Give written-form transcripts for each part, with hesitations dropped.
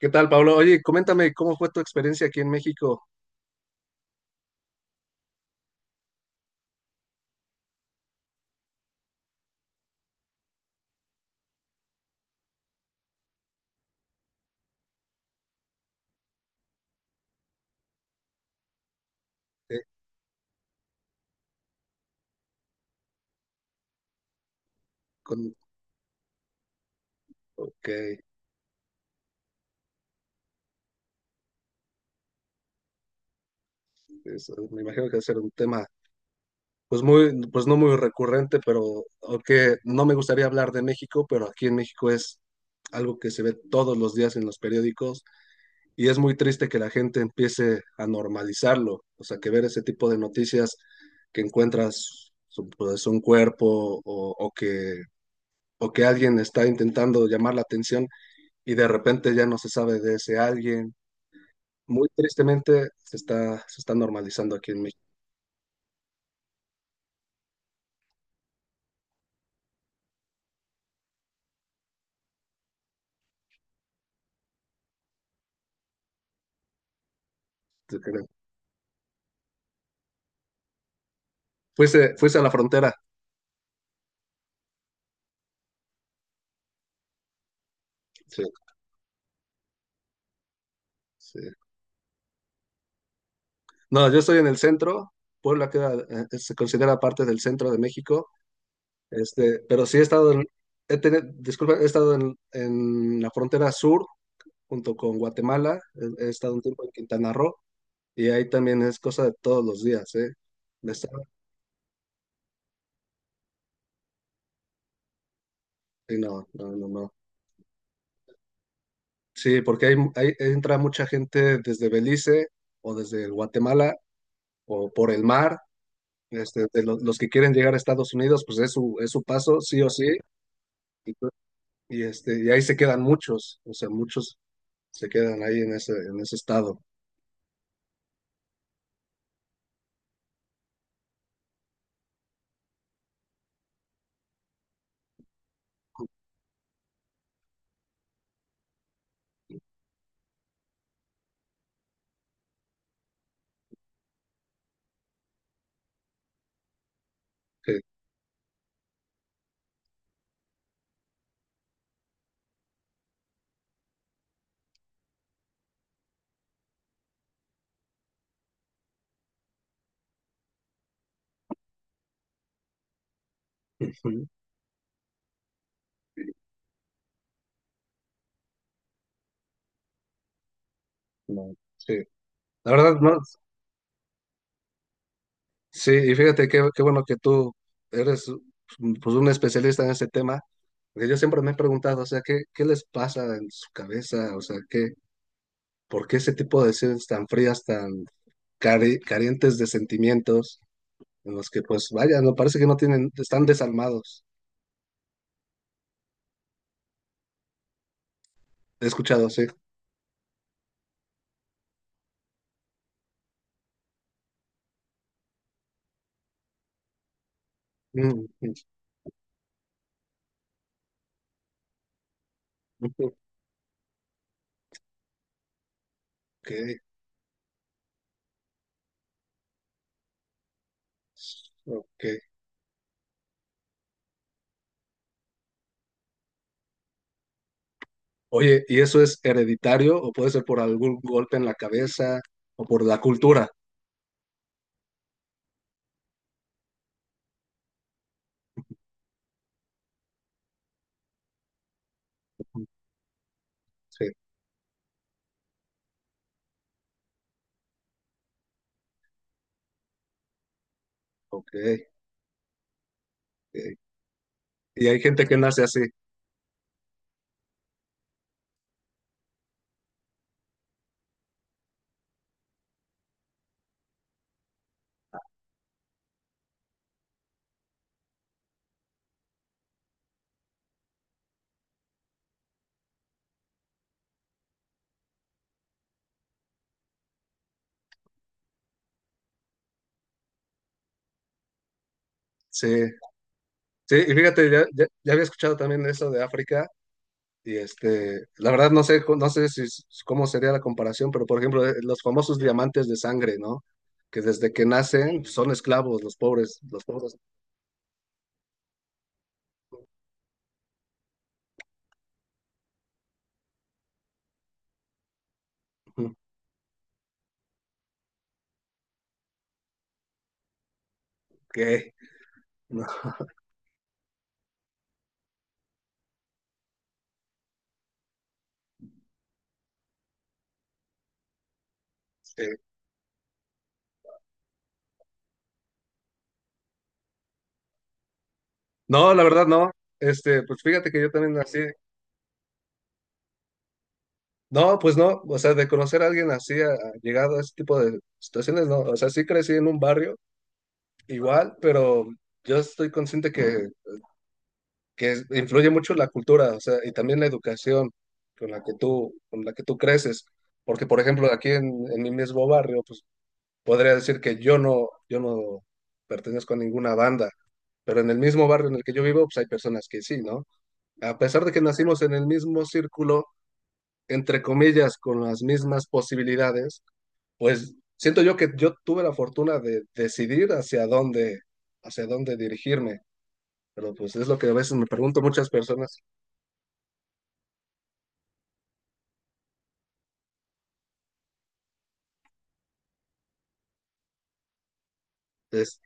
¿Qué tal, Pablo? Oye, coméntame cómo fue tu experiencia aquí en México. Eh, con, ok, eso, me imagino que va a ser un tema, pues no muy recurrente, pero aunque no me gustaría hablar de México, pero aquí en México es algo que se ve todos los días en los periódicos, y es muy triste que la gente empiece a normalizarlo, o sea, que ver ese tipo de noticias que encuentras pues, un cuerpo, o que alguien está intentando llamar la atención y de repente ya no se sabe de ese alguien. Muy tristemente se está, normalizando aquí en México. Fuese a la frontera. Sí, sí. No, yo estoy en el centro. Puebla queda, se considera parte del centro de México. Este, pero sí he estado en, he tenido- disculpa, he estado en la frontera sur junto con Guatemala. He estado un tiempo en Quintana Roo, y ahí también es cosa de todos los días, ¿eh? De estar- y no, no, no, no. Sí, porque entra mucha gente desde Belice o desde Guatemala o por el mar. Este, de los que quieren llegar a Estados Unidos, pues es su, paso, sí o sí. Y, pues, este, ahí se quedan muchos, o sea, muchos se quedan ahí en ese estado. Sí. Ujú. No, sí. La verdad, no, sí, y fíjate qué bueno que tú eres pues un especialista en ese tema, porque yo siempre me he preguntado, o sea, ¿qué les pasa en su cabeza? O sea, ¿por qué ese tipo de decisiones tan frías, tan carentes de sentimientos? En los que pues vaya, no parece que no tienen, están desalmados. He escuchado, sí. Mm, mm. Ok, ok. Oye, ¿y eso es hereditario o puede ser por algún golpe en la cabeza o por la cultura? Ujú. Sí, ok. Ok. Y hay gente que nace así. Sí, sí, y fíjate, ya, ya, ya había escuchado también eso de África, y este, la verdad no sé, cu- no sé si, s- cómo sería la comparación, pero por ejemplo, los famosos diamantes de sangre, ¿no? Que desde que nacen son esclavos, los pobres, los pobres. Ok, no, sí. No, la verdad no. Este, pues fíjate que yo también así. No, pues no, o sea, de conocer a alguien así, ha llegado a este tipo de situaciones, no. O sea, sí crecí en un barrio igual, pero yo estoy consciente que, influye mucho la cultura, o sea, y también la educación con la que tú creces. Porque, por ejemplo, aquí en, mi mismo barrio, pues podría decir que yo no pertenezco a ninguna banda, pero en el mismo barrio en el que yo vivo, pues hay personas que sí, ¿no? A pesar de que nacimos en el mismo círculo, entre comillas, con las mismas posibilidades, pues siento yo que yo tuve la fortuna de decidir hacia dónde dirigirme. Pero pues es lo que a veces me pregunto muchas personas. Es,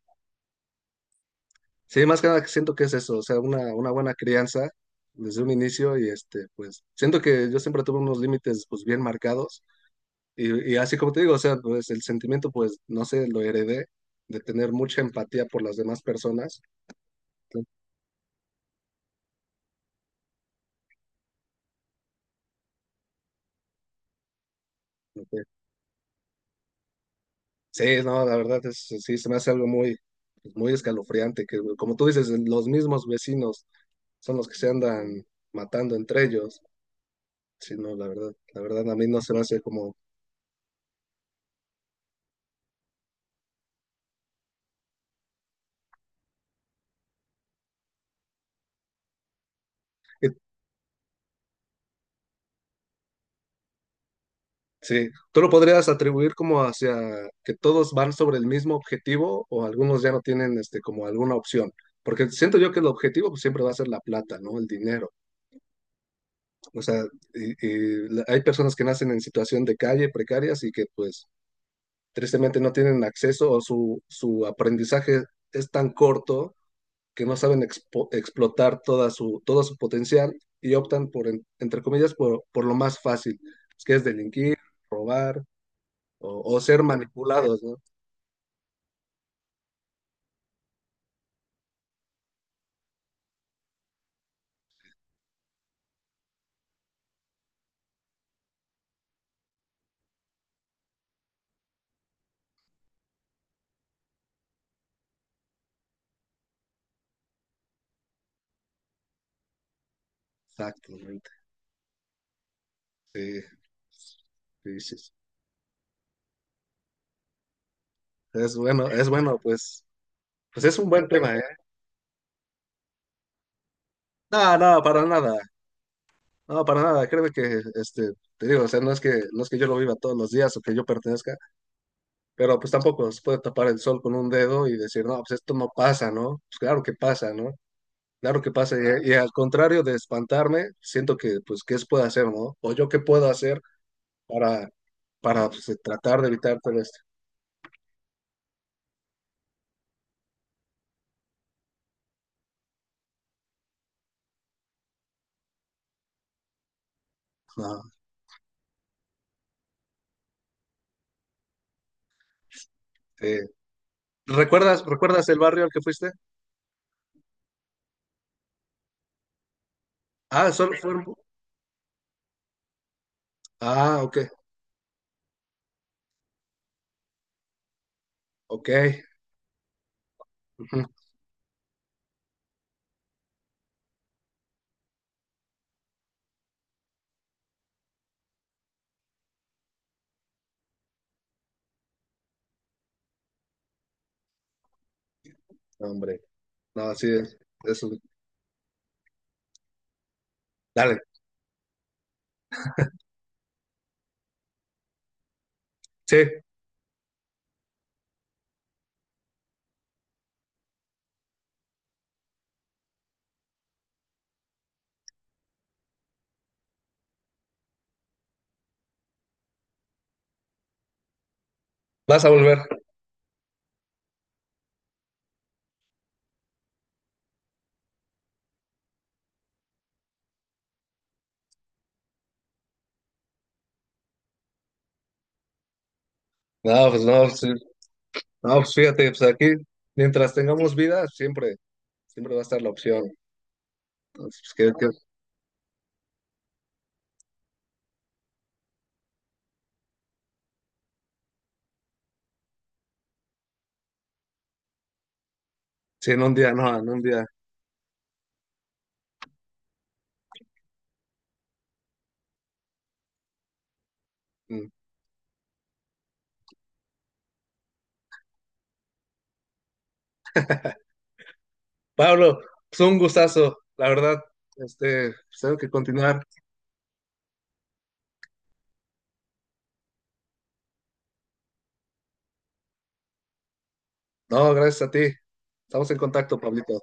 sí, más que nada que siento que es eso, o sea, una buena crianza desde un inicio, y este, pues siento que yo siempre tuve unos límites pues bien marcados, y así como te digo, o sea, pues el sentimiento pues no sé, lo heredé de tener mucha empatía por las demás personas. Sí, no, la verdad es, sí, se me hace algo muy escalofriante, que como tú dices, los mismos vecinos son los que se andan matando entre ellos. Sí, no, la verdad a mí no se me hace como. eh, Sí, ¿tú lo podrías atribuir como hacia que todos van sobre el mismo objetivo o algunos ya no tienen este, como alguna opción? Porque siento yo que el objetivo pues, siempre va a ser la plata, ¿no? El dinero. O sea, y hay personas que nacen en situación de calle, precarias y que pues tristemente no tienen acceso o su aprendizaje es tan corto que no saben explotar todo su potencial y optan por, entre comillas, por lo más fácil, que es delinquir, robar o ser manipulados, ¿no? Exactamente. Sí, sí, sí. Sí. Es bueno, pues es un buen tema, ¿eh? No, no, para nada. No, para nada. Créeme que, este, te digo, o sea, no es que yo lo viva todos los días o que yo pertenezca. Pero pues tampoco se puede tapar el sol con un dedo y decir, no, pues esto no pasa, ¿no? Pues claro que pasa, ¿no? Claro que pasa. Y al contrario de espantarme, siento que, pues, ¿qué se puede hacer, no? O yo qué puedo hacer para, para pues, tratar de evitar todo esto. No. eh, ¿recuerdas el barrio al que fuiste? Ah, solo fue un. Ah, ok, ok. Ujú. No, hombre, no, así es. Eso. Dale, sí, vas a volver. No, pues no, sí. No, pues fíjate, pues aquí, mientras tengamos vida, siempre. Siempre va a estar la opción. Entonces, pues. Sí, en un día, no, en un día. Mm. Pablo, pues un gustazo, la verdad, este, pues, tengo que continuar. No, gracias a ti. Estamos en contacto, Pablito.